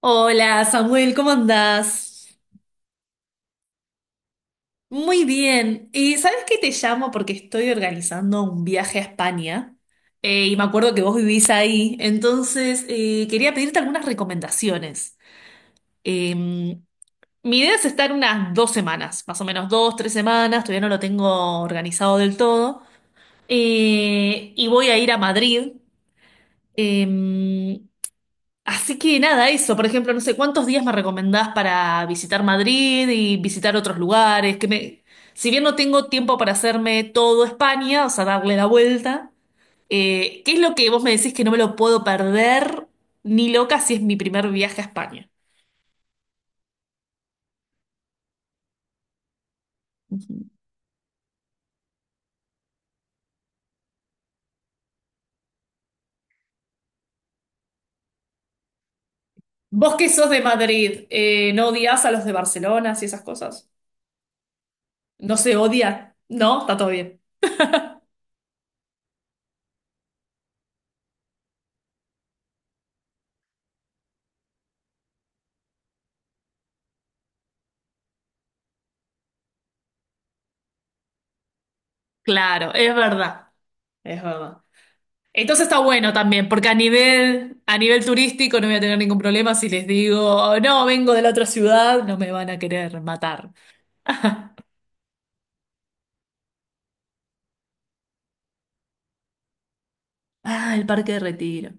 Hola Samuel, ¿cómo andás? Muy bien. ¿Y sabes qué te llamo? Porque estoy organizando un viaje a España y me acuerdo que vos vivís ahí, entonces quería pedirte algunas recomendaciones. Mi idea es estar unas 2 semanas, más o menos 2, 3 semanas, todavía no lo tengo organizado del todo, y voy a ir a Madrid. Eh, Así que nada, eso, por ejemplo, no sé, ¿cuántos días me recomendás para visitar Madrid y visitar otros lugares? Si bien no tengo tiempo para hacerme todo España, o sea, darle la vuelta, ¿qué es lo que vos me decís que no me lo puedo perder ni loca si es mi primer viaje a España? Vos que sos de Madrid, ¿no odias a los de Barcelona y esas cosas? ¿No se odia? No, está todo bien. Claro, es verdad, es verdad. Entonces está bueno también, porque a nivel turístico no voy a tener ningún problema si les digo, no, vengo de la otra ciudad, no me van a querer matar. Ah, el Parque de Retiro.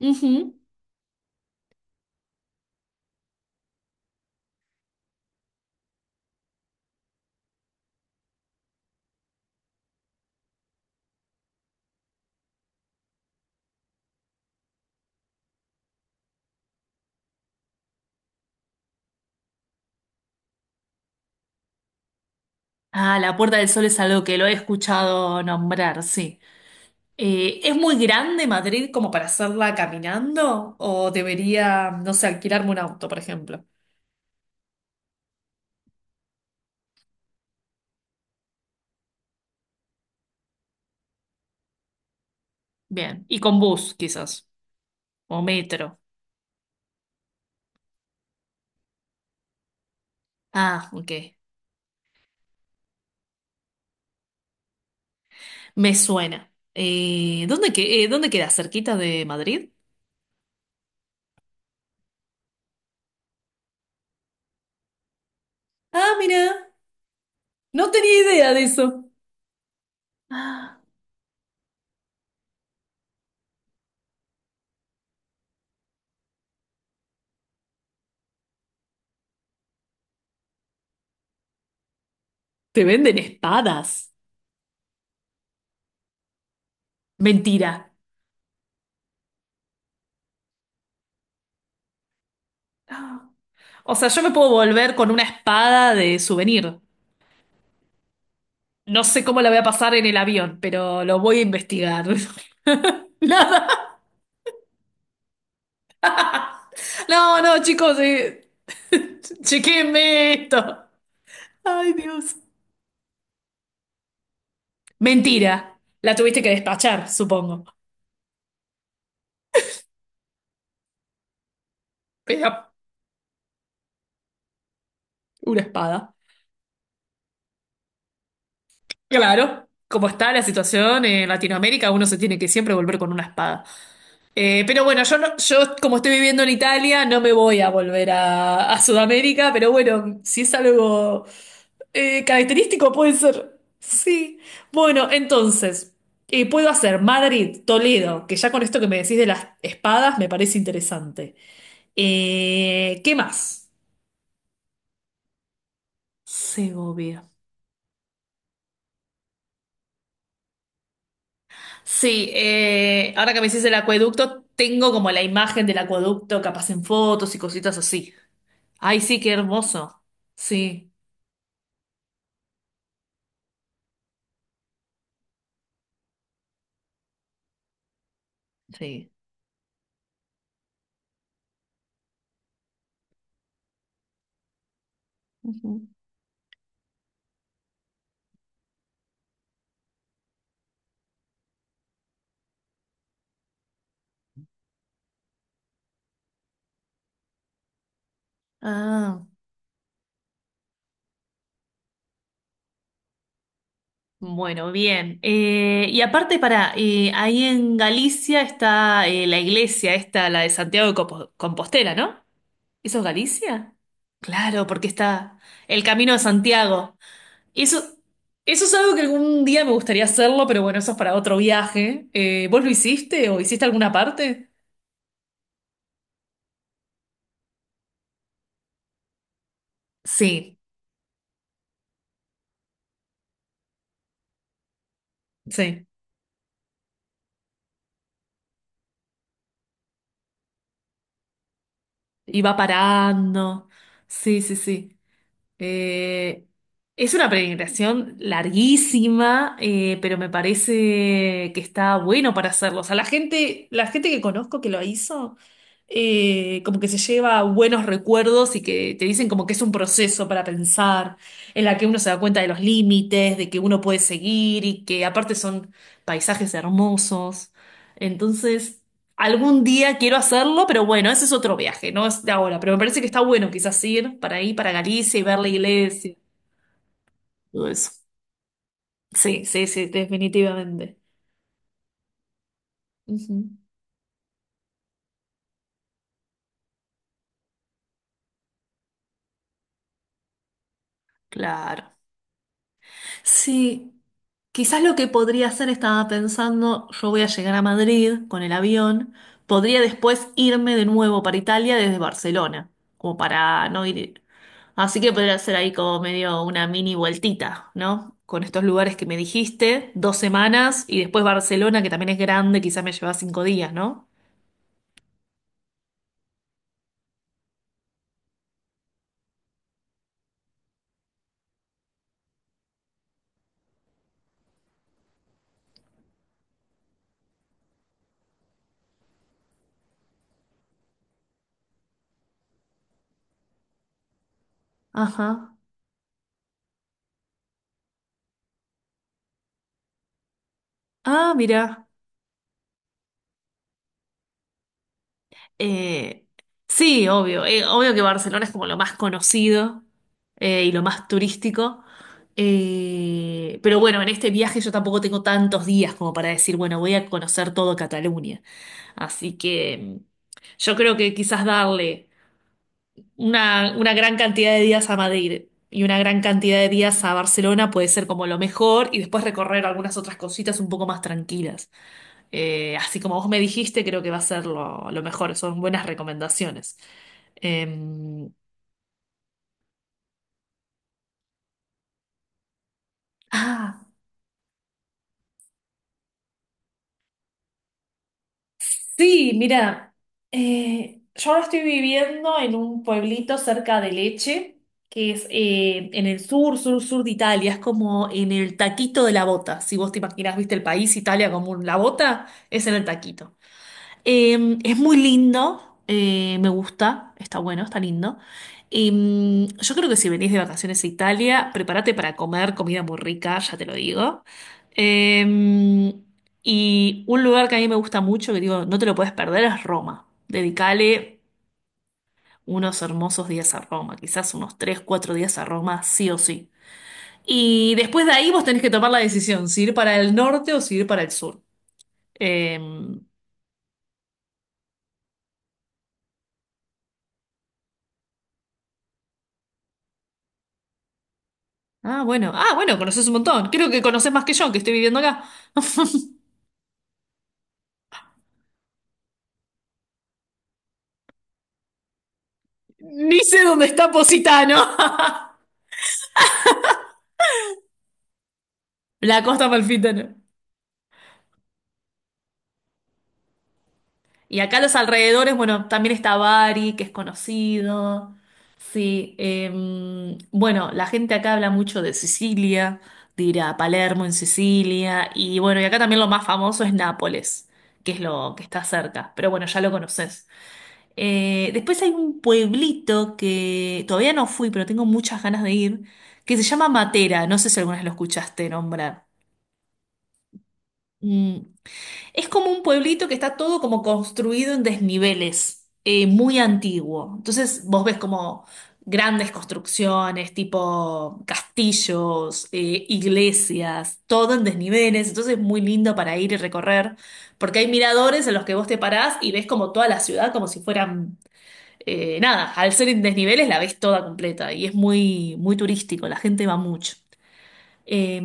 Ujú. Ah, la Puerta del Sol es algo que lo he escuchado nombrar, sí. ¿Es muy grande Madrid como para hacerla caminando? ¿O debería, no sé, alquilarme un auto, por ejemplo? Bien, y con bus quizás, o metro. Ah, ok. Me suena. ¿Dónde queda? ¿Cerquita de Madrid? Ah, mira, no tenía idea de eso. Te venden espadas. Mentira. O sea, yo me puedo volver con una espada de souvenir. No sé cómo la voy a pasar en el avión, pero lo voy a investigar. Nada. No, no, chicos, chequenme esto. Ay, Dios. Mentira. La tuviste que despachar, supongo. Pero una espada. Claro. Como está la situación en Latinoamérica, uno se tiene que siempre volver con una espada. Pero bueno, yo, no- yo como estoy viviendo en Italia, no me voy a volver a Sudamérica, pero bueno, si es algo característico puede ser. Sí. Bueno, entonces, puedo hacer Madrid, Toledo, que ya con esto que me decís de las espadas me parece interesante. ¿Qué más? Segovia. Sí, ahora que me decís el acueducto, tengo como la imagen del acueducto, capaz en fotos y cositas así. Ay, sí, qué hermoso. Sí. Sí. Ah, bueno, bien. Y aparte, ahí en Galicia está la iglesia, esta, la de Santiago de Compostela, ¿no? ¿Eso es Galicia? Claro, porque está el Camino de Santiago. Eso, eso es algo que algún día me gustaría hacerlo, pero bueno, eso es para otro viaje. ¿Vos lo hiciste o hiciste alguna parte? Sí, sí. Y va parando. Sí, sí, sí. Eh, es una peregrinación larguísima, pero me parece que está bueno para hacerlo. O sea, la gente que conozco que lo hizo, como que se lleva buenos recuerdos y que te dicen como que es un proceso para pensar, en la que uno se da cuenta de los límites, de que uno puede seguir y que aparte son paisajes hermosos. Entonces... Algún día quiero hacerlo, pero bueno, ese es otro viaje, no es de ahora. Pero me parece que está bueno quizás ir para ahí, para Galicia y ver la iglesia, todo eso. Sí, sí, sí, definitivamente. Ujú, claro. Sí, quizás lo que podría hacer, estaba pensando, yo voy a llegar a Madrid con el avión, podría después irme de nuevo para Italia desde Barcelona, como para no ir. Así que podría hacer ahí como medio una mini vueltita, ¿no? Con estos lugares que me dijiste, dos semanas y después Barcelona, que también es grande, quizás me lleva 5 días, ¿no? Ajá. Ah, mira. Eh, sí, obvio. Obvio que Barcelona es como lo más conocido y lo más turístico. Pero bueno, en este viaje yo tampoco tengo tantos días como para decir, bueno, voy a conocer todo Cataluña. Así que yo creo que quizás darle una gran cantidad de días a Madrid y una gran cantidad de días a Barcelona puede ser como lo mejor y después recorrer algunas otras cositas un poco más tranquilas. Así como vos me dijiste, creo que va a ser lo mejor. Son buenas recomendaciones. Eh, ah, sí, mira, yo ahora estoy viviendo en un pueblito cerca de Leche, que es en el sur, sur, sur de Italia. Es como en el taquito de la bota. Si vos te imaginás, viste el país Italia como la bota, es en el taquito. Es muy lindo, me gusta, está bueno, está lindo. Y, yo creo que si venís de vacaciones a Italia, prepárate para comer comida muy rica, ya te lo digo. Eh, y un lugar que a mí me gusta mucho, que digo, no te lo puedes perder, es Roma. Dedicale unos hermosos días a Roma, quizás unos 3, 4 días a Roma, sí o sí. Y después de ahí vos tenés que tomar la decisión, si ir para el norte o si ir para el sur. Eh, Ah, bueno. Ah, bueno, conoces un montón. Creo que conoces más que yo, que estoy viviendo acá. Ni sé dónde está Positano. La costa amalfitana. Y acá los alrededores, bueno, también está Bari, que es conocido. Sí. Bueno, la gente acá habla mucho de Sicilia, de ir a Palermo en Sicilia. Y bueno, y acá también lo más famoso es Nápoles, que es lo que está cerca. Pero bueno, ya lo conoces. Después hay un pueblito que todavía no fui, pero tengo muchas ganas de ir, que se llama Matera. No sé si alguna vez lo escuchaste nombrar. Mm, Es como un pueblito que está todo como construido en desniveles, muy antiguo. Entonces vos ves como grandes construcciones, tipo castillos, iglesias, todo en desniveles. Entonces es muy lindo para ir y recorrer, porque hay miradores en los que vos te parás y ves como toda la ciudad como si fueran nada, al ser en desniveles la ves toda completa y es muy, muy turístico, la gente va mucho. Eh,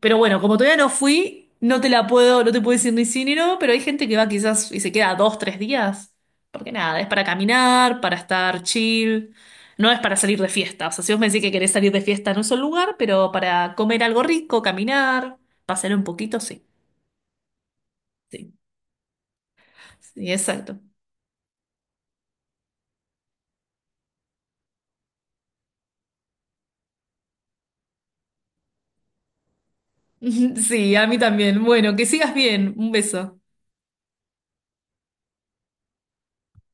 pero bueno, como todavía no fui, no te puedo decir ni sí ni no, pero hay gente que va quizás y se queda 2, 3 días, porque nada, es para caminar, para estar chill, no es para salir de fiesta. O sea, si vos me decís que querés salir de fiesta, no es un lugar, pero para comer algo rico, caminar, pasear un poquito, sí. Sí, sí, exacto. Sí, a mí también. Bueno, que sigas bien. Un beso.